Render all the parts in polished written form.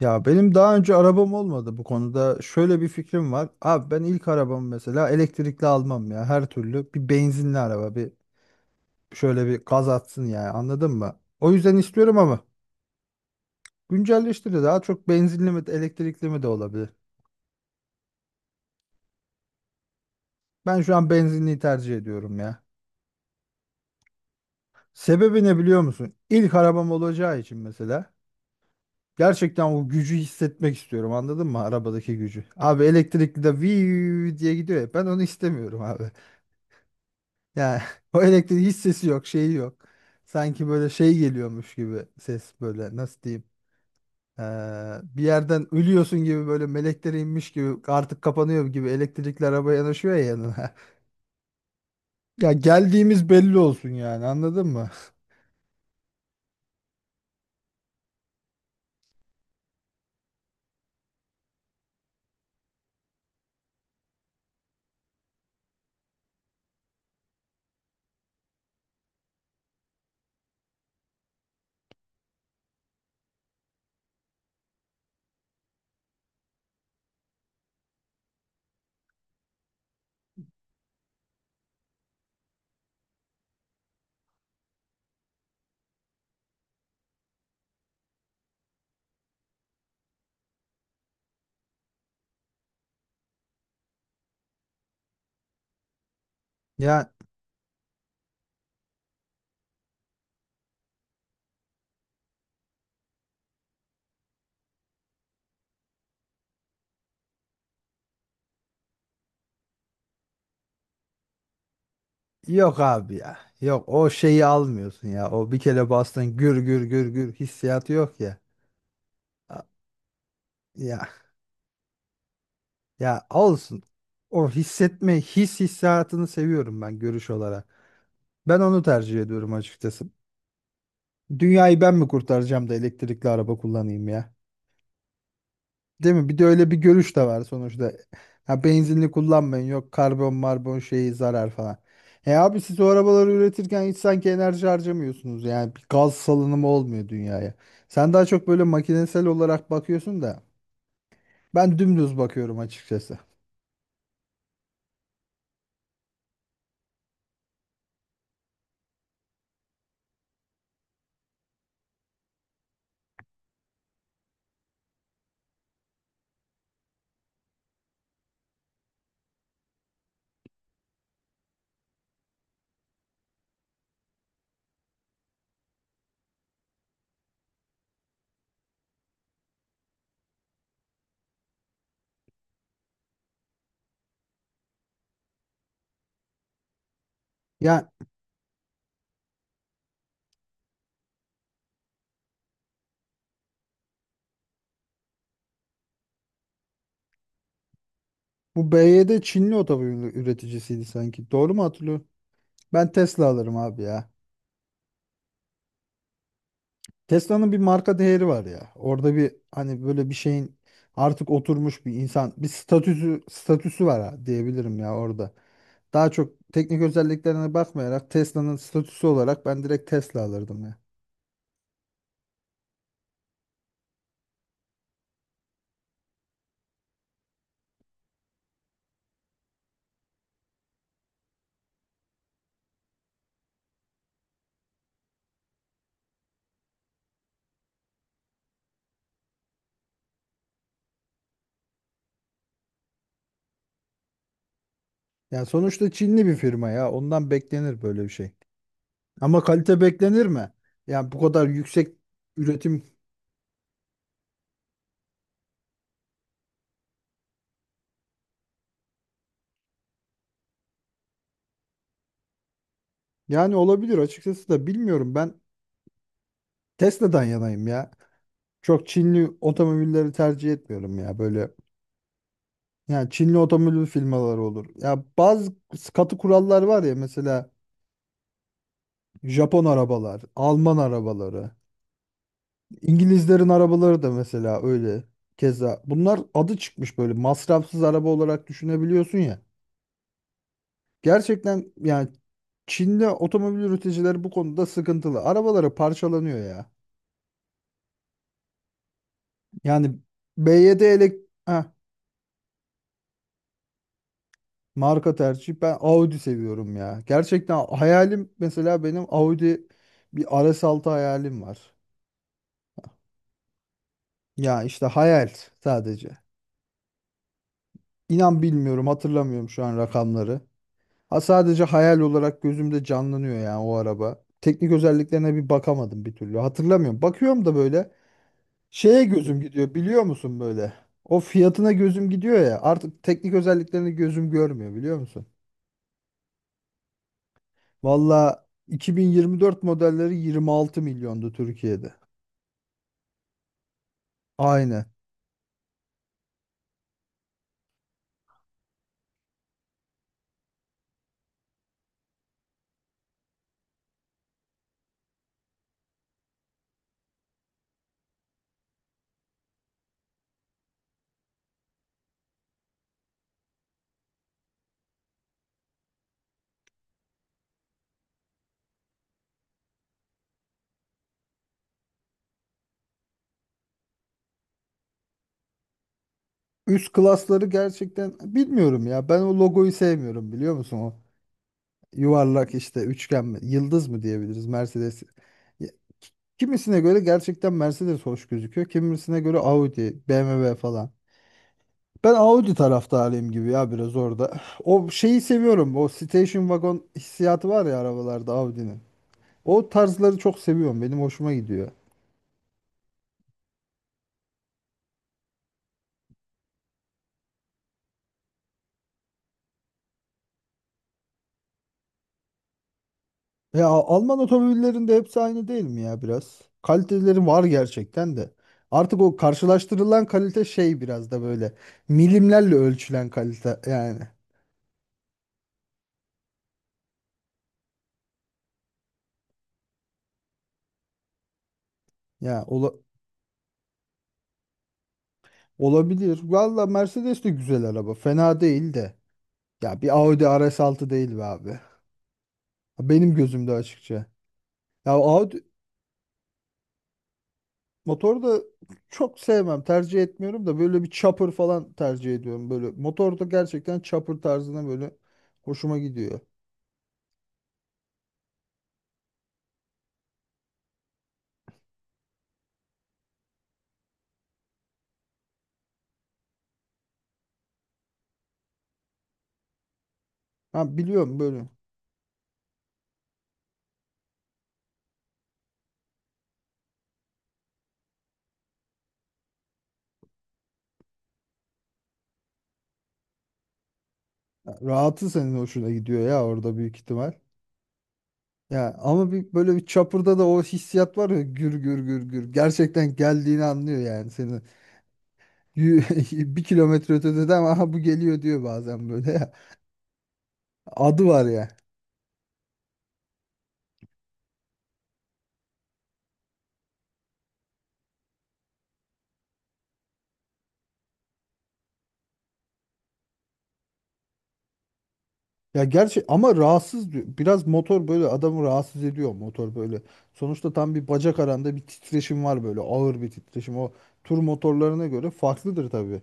Ya benim daha önce arabam olmadı bu konuda. Şöyle bir fikrim var. Abi ben ilk arabamı mesela elektrikli almam ya. Her türlü bir benzinli araba bir şöyle bir gaz atsın, yani anladın mı? O yüzden istiyorum ama güncelleştiri daha çok benzinli mi elektrikli mi de olabilir. Ben şu an benzinliyi tercih ediyorum ya. Sebebi ne biliyor musun? İlk arabam olacağı için mesela gerçekten o gücü hissetmek istiyorum, anladın mı? Arabadaki gücü. Abi elektrikli de viii diye gidiyor ya, ben onu istemiyorum abi. Yani o elektriğin hiç sesi yok, şeyi yok. Sanki böyle şey geliyormuş gibi ses, böyle nasıl diyeyim? Ee, bir yerden ölüyorsun gibi, böyle melekler inmiş gibi, artık kapanıyor gibi elektrikli araba yanaşıyor ya yanına. Ya geldiğimiz belli olsun yani, anladın mı? Ya yok abi ya. Yok, o şeyi almıyorsun ya. O bir kere bastın, gür gür gür gür hissiyatı yok ya. A- Ya ya olsun. O hissetme hissiyatını seviyorum ben, görüş olarak. Ben onu tercih ediyorum açıkçası. Dünyayı ben mi kurtaracağım da elektrikli araba kullanayım ya? Değil mi? Bir de öyle bir görüş de var sonuçta. Ha, benzinli kullanmayın, yok karbon marbon şeyi zarar falan. E abi, siz o arabaları üretirken hiç sanki enerji harcamıyorsunuz. Yani bir gaz salınımı olmuyor dünyaya. Sen daha çok böyle makinesel olarak bakıyorsun da ben dümdüz bakıyorum açıkçası. Ya, bu BYD Çinli otomobil üreticisiydi sanki. Doğru mu hatırlıyorum? Ben Tesla alırım abi ya. Tesla'nın bir marka değeri var ya. Orada bir, hani böyle bir şeyin artık oturmuş bir insan, bir statüsü var ha, diyebilirim ya orada. Daha çok teknik özelliklerine bakmayarak Tesla'nın statüsü olarak ben direkt Tesla alırdım ya. Yani sonuçta Çinli bir firma ya. Ondan beklenir böyle bir şey. Ama kalite beklenir mi? Yani bu kadar yüksek üretim, yani olabilir açıkçası da bilmiyorum, ben Tesla'dan yanayım ya. Çok Çinli otomobilleri tercih etmiyorum ya böyle. Yani Çinli otomobil firmaları olur. Ya bazı katı kurallar var ya, mesela Japon arabalar, Alman arabaları, İngilizlerin arabaları da mesela öyle. Keza bunlar adı çıkmış böyle masrafsız araba olarak düşünebiliyorsun ya. Gerçekten yani Çin'de otomobil üreticileri bu konuda sıkıntılı. Arabaları parçalanıyor ya. Yani BYD Heh, marka tercih ben Audi seviyorum ya. Gerçekten hayalim mesela, benim Audi bir RS6 hayalim var. Ya işte hayal sadece. İnan bilmiyorum, hatırlamıyorum şu an rakamları. Ha, sadece hayal olarak gözümde canlanıyor yani o araba. Teknik özelliklerine bir bakamadım bir türlü. Hatırlamıyorum. Bakıyorum da böyle şeye gözüm gidiyor biliyor musun böyle? O fiyatına gözüm gidiyor ya. Artık teknik özelliklerini gözüm görmüyor biliyor musun? Valla 2024 modelleri 26 milyondu Türkiye'de. Aynen. Üst klasları gerçekten bilmiyorum ya. Ben o logoyu sevmiyorum biliyor musun? O yuvarlak işte, üçgen mi, yıldız mı diyebiliriz Mercedes. Ya, ki- kimisine göre gerçekten Mercedes hoş gözüküyor. Kimisine göre Audi, BMW falan. Ben Audi taraftarıyım gibi ya biraz orada. O şeyi seviyorum. O station wagon hissiyatı var ya arabalarda, Audi'nin. O tarzları çok seviyorum. Benim hoşuma gidiyor. Ya Alman otomobillerinin de hepsi aynı değil mi ya biraz? Kaliteleri var gerçekten de. Artık o karşılaştırılan kalite şey biraz da böyle milimlerle ölçülen kalite yani. Ya olabilir. Valla Mercedes de güzel araba. Fena değil de. Ya bir Audi RS6 değil be abi. Benim gözümde açıkça. Ya Audi motoru da çok sevmem. Tercih etmiyorum da, böyle bir chopper falan tercih ediyorum. Böyle motor da gerçekten chopper tarzına böyle hoşuma gidiyor. Ha, biliyorum böyle. Ya, rahatı senin hoşuna gidiyor ya orada, büyük ihtimal. Ya ama bir böyle bir chopper'da da o hissiyat var ya, gür gür gür gür. Gerçekten geldiğini anlıyor yani seni. Bir kilometre ötede de ama aha bu geliyor diyor bazen böyle. Ya, adı var ya. Ya gerçi ama rahatsız diyor. Biraz motor böyle adamı rahatsız ediyor motor böyle. Sonuçta tam bir bacak aranda bir titreşim var, böyle ağır bir titreşim. O tur motorlarına göre farklıdır tabii.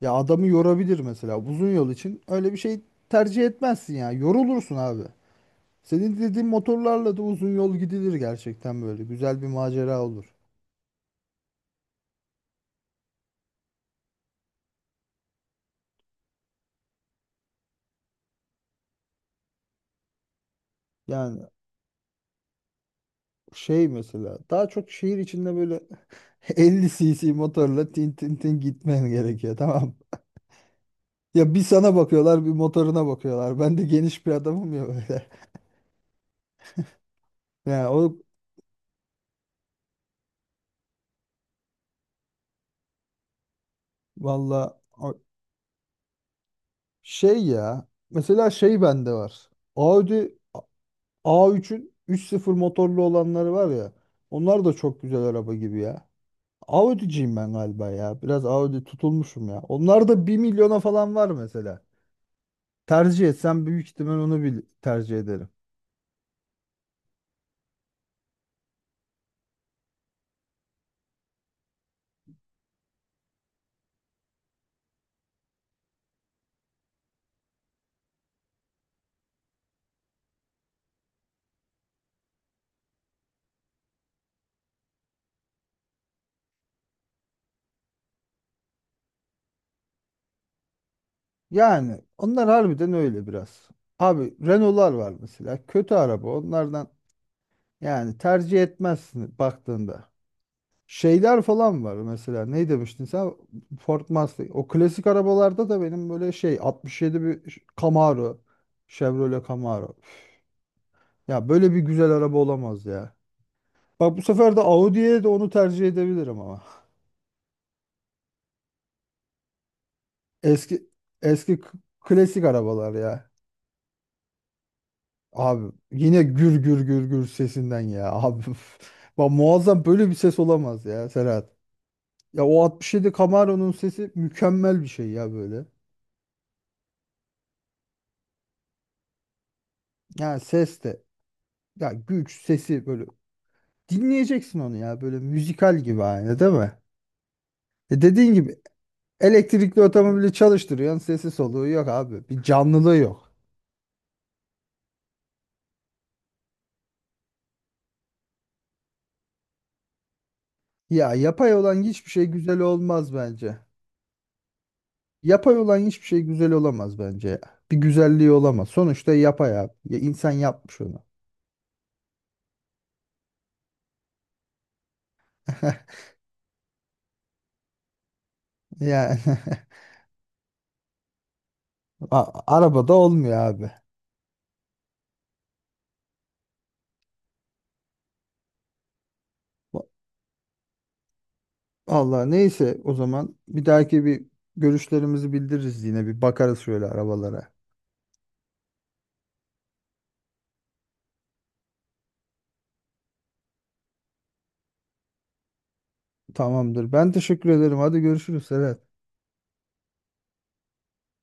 Ya adamı yorabilir, mesela uzun yol için öyle bir şey tercih etmezsin ya. Yorulursun abi. Senin dediğin motorlarla da uzun yol gidilir gerçekten böyle. Güzel bir macera olur. Yani şey mesela daha çok şehir içinde böyle 50 cc motorla tin tin tin gitmen gerekiyor, tamam mı? Ya bir sana bakıyorlar bir motoruna bakıyorlar. Ben de geniş bir adamım ya böyle. Yani o valla şey ya, mesela şey bende var. Audi A3'ün 3.0 motorlu olanları var ya. Onlar da çok güzel araba gibi ya. Audi'ciyim ben galiba ya. Biraz Audi tutulmuşum ya. Onlar da bir milyona falan var mesela. Tercih etsem büyük ihtimal onu bir tercih ederim. Yani onlar harbiden öyle biraz. Abi Renault'lar var mesela. Kötü araba. Onlardan yani tercih etmezsin baktığında. Şeyler falan var mesela. Ne demiştin sen? Ford Mustang. O klasik arabalarda da benim böyle şey 67 bir Camaro. Chevrolet Camaro. Üf. Ya böyle bir güzel araba olamaz ya. Bak, bu sefer de Audi'ye de onu tercih edebilirim ama. Eski eski klasik arabalar ya. Abi yine gür gür gür gür sesinden ya abi. Bak muazzam böyle bir ses olamaz ya Serhat. Ya, o 67 Camaro'nun sesi mükemmel bir şey ya böyle. Yani ses de, ya güç sesi böyle dinleyeceksin onu ya, böyle müzikal gibi aynı değil mi? E dediğin gibi elektrikli otomobili çalıştırıyorsun, sesi soluğu yok abi. Bir canlılığı yok. Ya yapay olan hiçbir şey güzel olmaz bence. Yapay olan hiçbir şey güzel olamaz bence ya. Bir güzelliği olamaz. Sonuçta yapay abi. Ya insan yapmış onu. Yani arabada olmuyor abi. Allah neyse, o zaman bir dahaki bir görüşlerimizi bildiririz, yine bir bakarız şöyle arabalara. Tamamdır. Ben teşekkür ederim. Hadi görüşürüz Serhat.